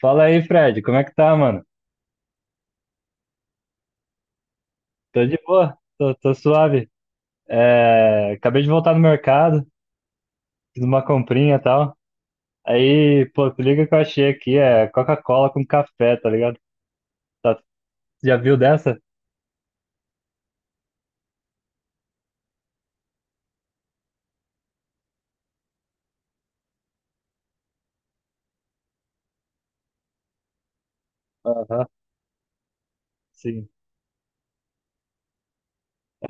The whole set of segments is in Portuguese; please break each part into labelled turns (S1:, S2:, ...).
S1: Fala aí, Fred, como é que tá, mano? Tô de boa, tô suave. É, acabei de voltar no mercado, fiz uma comprinha e tal. Aí, pô, se liga que eu achei aqui, é Coca-Cola com café, tá ligado? Tá- Já viu dessa? Aham, sim.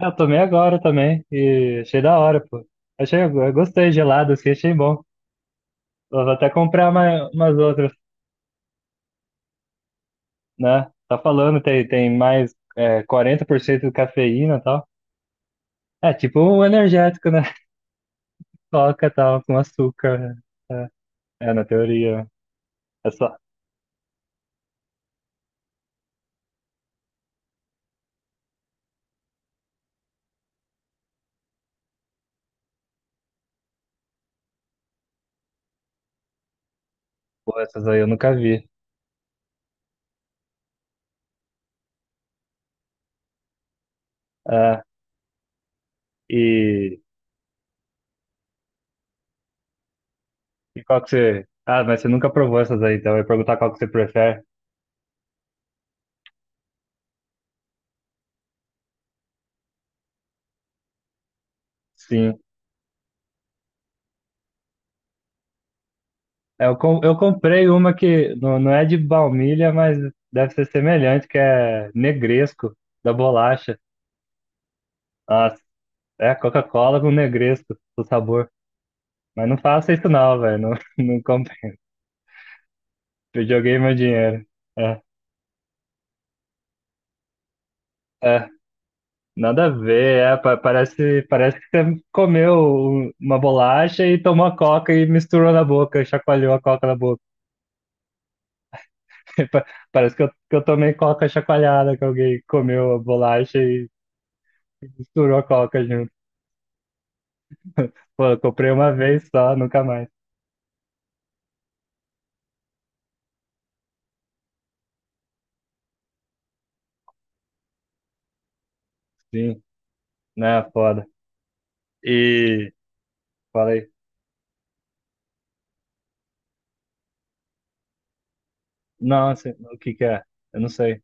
S1: É, eu tomei agora também e achei da hora, pô. Achei, eu gostei, gelado, assim, achei bom. Eu vou até comprar mais, umas outras, né? Tá falando, tem mais é, 40% de cafeína e tal. É, tipo um energético, né? Coca tal, com açúcar. É, é, na teoria. Essa, pô, essas aí eu nunca vi. É, e, e qual que você. Ah, mas você nunca provou essas aí, então eu ia perguntar qual que você prefere. Sim. É, eu comprei uma que não, não é de baunilha, mas deve ser semelhante, que é negresco, da bolacha. Nossa, é Coca-Cola com negresco, o sabor. Mas não faça isso não, velho. Não, não comprei. Eu joguei meu dinheiro. É, é. Nada a ver, é, parece que você comeu uma bolacha e tomou a coca e misturou na boca, chacoalhou a coca na boca. Pa- Parece que eu tomei coca chacoalhada, que alguém comeu a bolacha e misturou a coca junto. Pô, eu comprei uma vez só, nunca mais. Sim, né, foda. E falei, não, assim, o que que é? Eu não sei,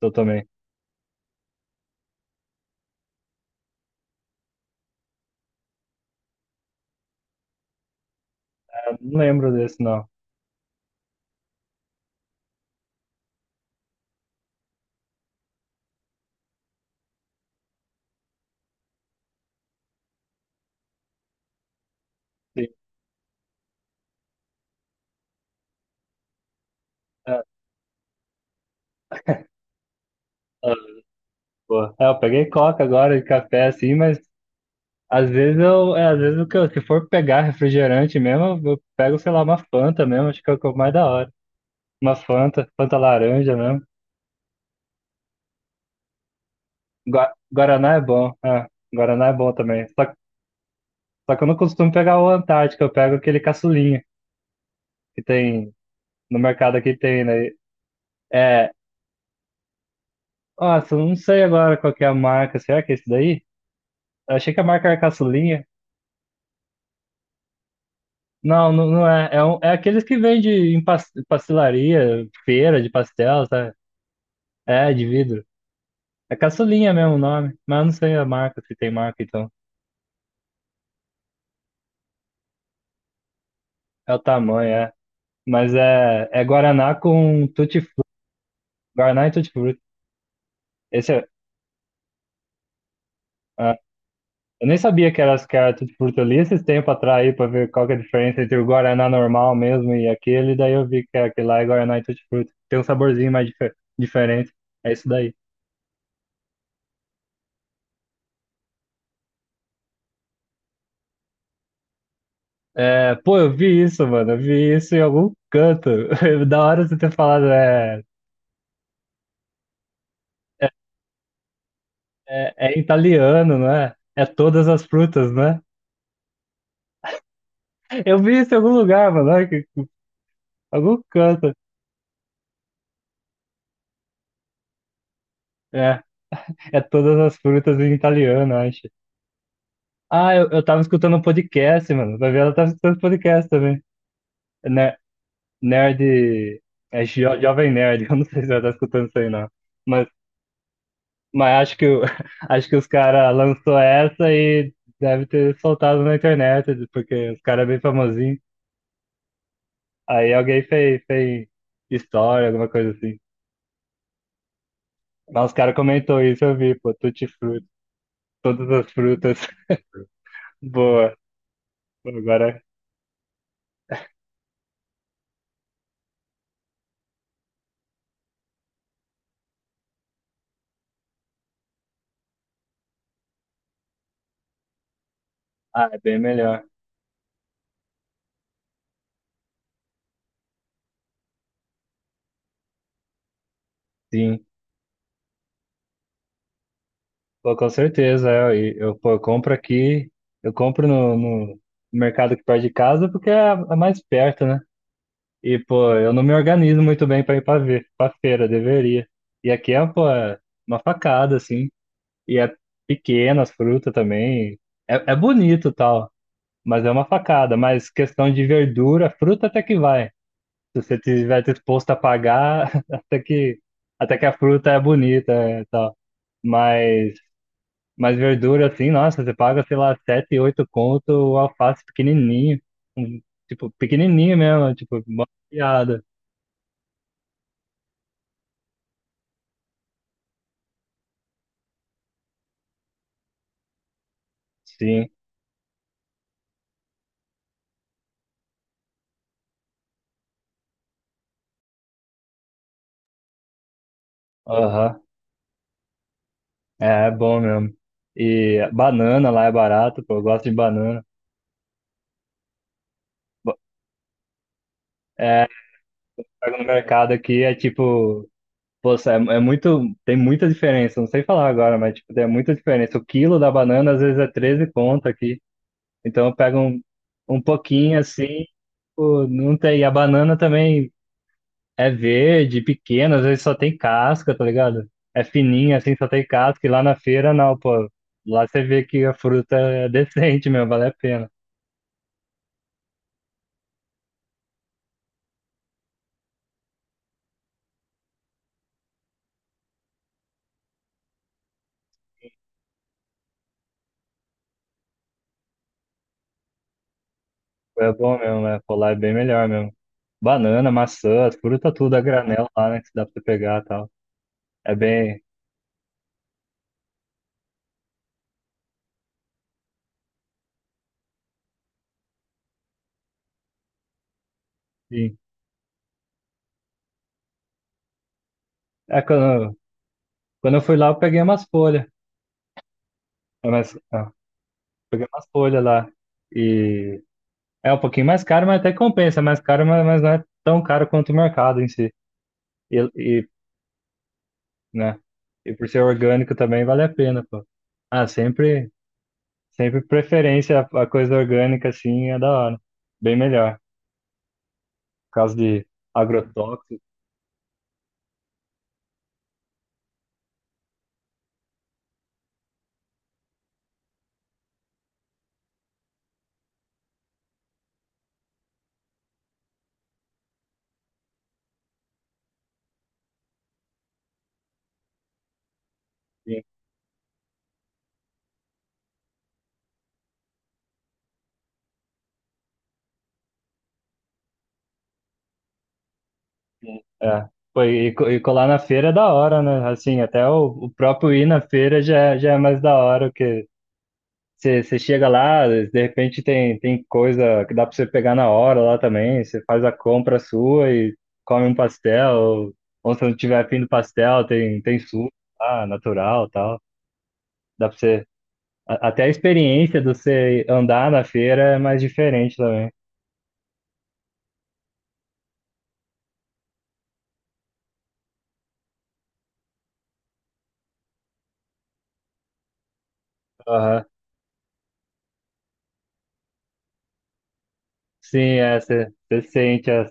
S1: eu tomei. Eu não lembro desse, não. Sim, é, é, pô. É, eu peguei coca agora e café, assim, mas às vezes eu, é, às vezes o que eu, se for pegar refrigerante mesmo, eu pego, sei lá, uma Fanta mesmo, acho que é o mais da hora. Uma Fanta, Fanta laranja mesmo. Guaraná é bom, é, Guaraná é bom também. Só que eu não costumo pegar o Antártico, eu pego aquele caçulinha que tem no mercado aqui tem, né? É, nossa, eu não sei agora qual que é a marca, será que é esse daí? Eu achei que a marca era caçulinha. Não é. É, é aqueles que vende em pastelaria, feira de pastel, sabe? É, de vidro. É caçulinha mesmo o nome, mas eu não sei a marca, se tem marca, então. É o tamanho, é. Mas é, é Guaraná com tutti-frutti. Guaraná e tutti-frutti. Esse é, ah, eu nem sabia que era tutti-frutti. Eu li esses tempos atrás aí pra ver qual que é a diferença entre o Guaraná normal mesmo e aquele. Daí eu vi que é aquele lá é Guaraná e tutti-frutti. Tem um saborzinho mais diferente. É isso daí. É, pô, eu vi isso, mano. Eu vi isso em algum canto. Da hora você ter falado, é em italiano, não é? É todas as frutas, né? Eu vi isso em algum lugar, mano. Algum canto. É, é todas as frutas em italiano, acho. Ah, eu tava escutando um podcast, mano. Vai ver, ela tava escutando podcast também. Ne- Nerd. É Jovem Nerd. Eu não sei se ela tá escutando isso aí, não. Mas, mas acho que, acho que os caras lançou essa e deve ter soltado na internet, porque os caras é bem famosinho. Aí alguém fez história, alguma coisa assim. Mas os caras comentou isso, eu vi, pô, tutti frutti, todas as frutas. Boa. Pô, agora, ah, é bem melhor. Sim, pô, com certeza. Eu compro aqui, eu compro no, no mercado que perto de casa porque é a mais perto, né? E, pô, eu não me organizo muito bem para ir para ver, para feira, deveria. E aqui é, pô, é uma facada, assim. E é pequena as frutas também. É, é bonito e tal, mas é uma facada. Mas questão de verdura, fruta até que vai. Se você tiver disposto a pagar, até que a fruta é bonita é, e tal. Mas, mas verdura, assim, nossa, você paga, sei lá, sete, oito conto, o alface pequenininho. Um, tipo, pequenininho mesmo, tipo, mó piada. Sim, aham. É, é bom mesmo. E banana lá é barato, pô, eu gosto de banana. Ba- Pego no mercado aqui, é tipo, poxa, é, é muito, tem muita diferença, não sei falar agora, mas tipo, tem muita diferença. O quilo da banana às vezes é 13 conto aqui. Então eu pego um, um pouquinho assim, pô, não tem. E a banana também é verde, pequena, às vezes só tem casca, tá ligado? É fininha assim, só tem casca. E lá na feira não, pô. Lá você vê que a fruta é decente mesmo, vale a pena. É bom mesmo, né? Pô, lá é bem melhor mesmo. Banana, maçã, as frutas tudo a granel lá, né? Que dá pra você pegar e tal. É bem. Sim. É, quando, quando eu fui lá, eu peguei umas folhas. É, mas, ah, peguei umas folhas lá. E é um pouquinho mais caro, mas até compensa. É mais caro, mas não é tão caro quanto o mercado em si. E, e, né? E por ser orgânico também vale a pena, pô. Ah, sempre preferência a coisa orgânica, assim, é da hora. Bem melhor. Por causa de agrotóxicos, enfim. É. Pô, e colar na feira é da hora, né? Assim, até o próprio ir na feira já, já é mais da hora. Você chega lá, de repente tem, tem coisa que dá para você pegar na hora lá também. Você faz a compra sua e come um pastel. Ou se não tiver afim do pastel, tem, tem suco lá, natural tal. Dá para você. Até a experiência de você andar na feira é mais diferente também. Aham. Sim, é, você sente.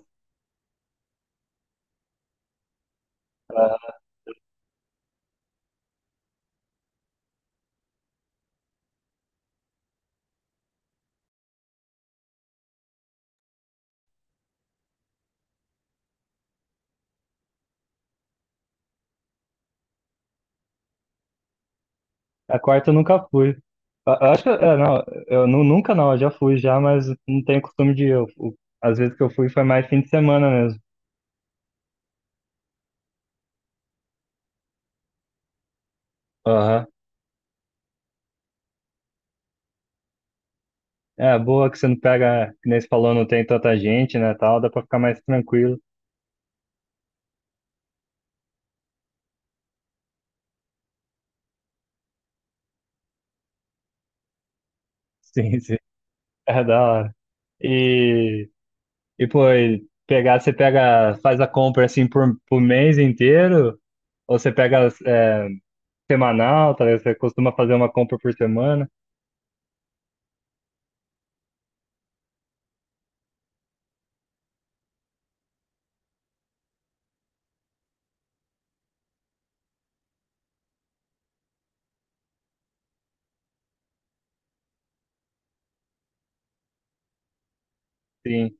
S1: A quarta eu nunca fui. Eu acho que. É, não, eu nunca não, eu já fui já, mas não tenho costume de ir. Às vezes que eu fui foi mais fim de semana mesmo. É, boa que você não pega, que nem você falou, não tem tanta gente, né, tal, dá pra ficar mais tranquilo. Sim, sim. É da hora. E, e pô, e pegar, você pega, faz a compra assim por mês inteiro, ou você pega é, semanal, talvez você costuma fazer uma compra por semana. Sim.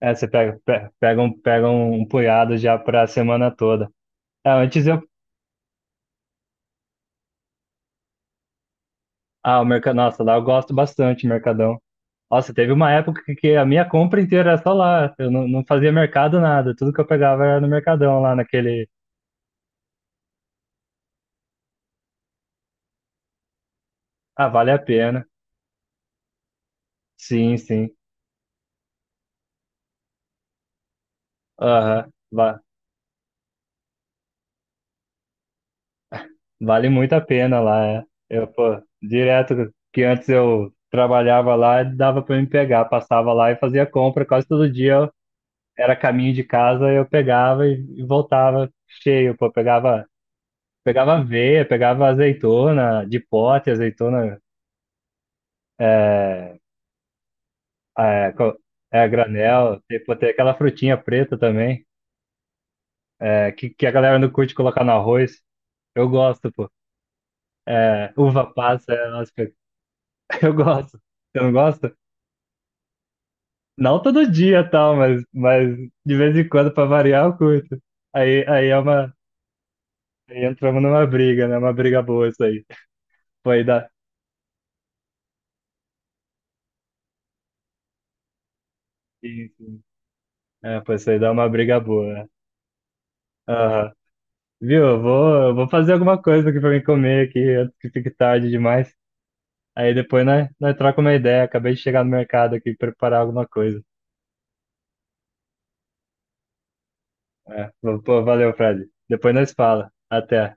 S1: É, você pega, pega um, pega um punhado já pra semana toda. É, antes eu, ah, o mercado, nossa, lá eu gosto bastante, do Mercadão. Nossa, teve uma época que a minha compra inteira era só lá. Eu não, não fazia mercado nada. Tudo que eu pegava era no Mercadão lá naquele. Ah, vale a pena. Sim, sim. Aham. Vale muito a pena lá. É. Eu, pô, direto que antes eu trabalhava lá, dava pra me pegar. Passava lá e fazia compra quase todo dia. Era caminho de casa, eu pegava e voltava cheio, pô. Pegava, pegava aveia, pegava azeitona, de pote, azeitona É, co- é a granel, tem, pô, tem aquela frutinha preta também, é, que a galera não curte colocar no arroz. Eu gosto, pô. É, uva passa, é, nossa, eu gosto. Você não gosta? Não todo dia, tal, mas de vez em quando, pra variar, eu curto. Aí, aí é uma. Aí entramos numa briga, né? Uma briga boa isso aí. Foi dar. Isso. É, pô, isso aí dá uma briga boa. Né? Aham. Viu? Eu vou fazer alguma coisa aqui pra mim comer aqui antes que fique tarde demais. Aí depois nós trocamos uma ideia. Acabei de chegar no mercado aqui preparar alguma coisa. É, pô, valeu, Fred. Depois nós fala. Até.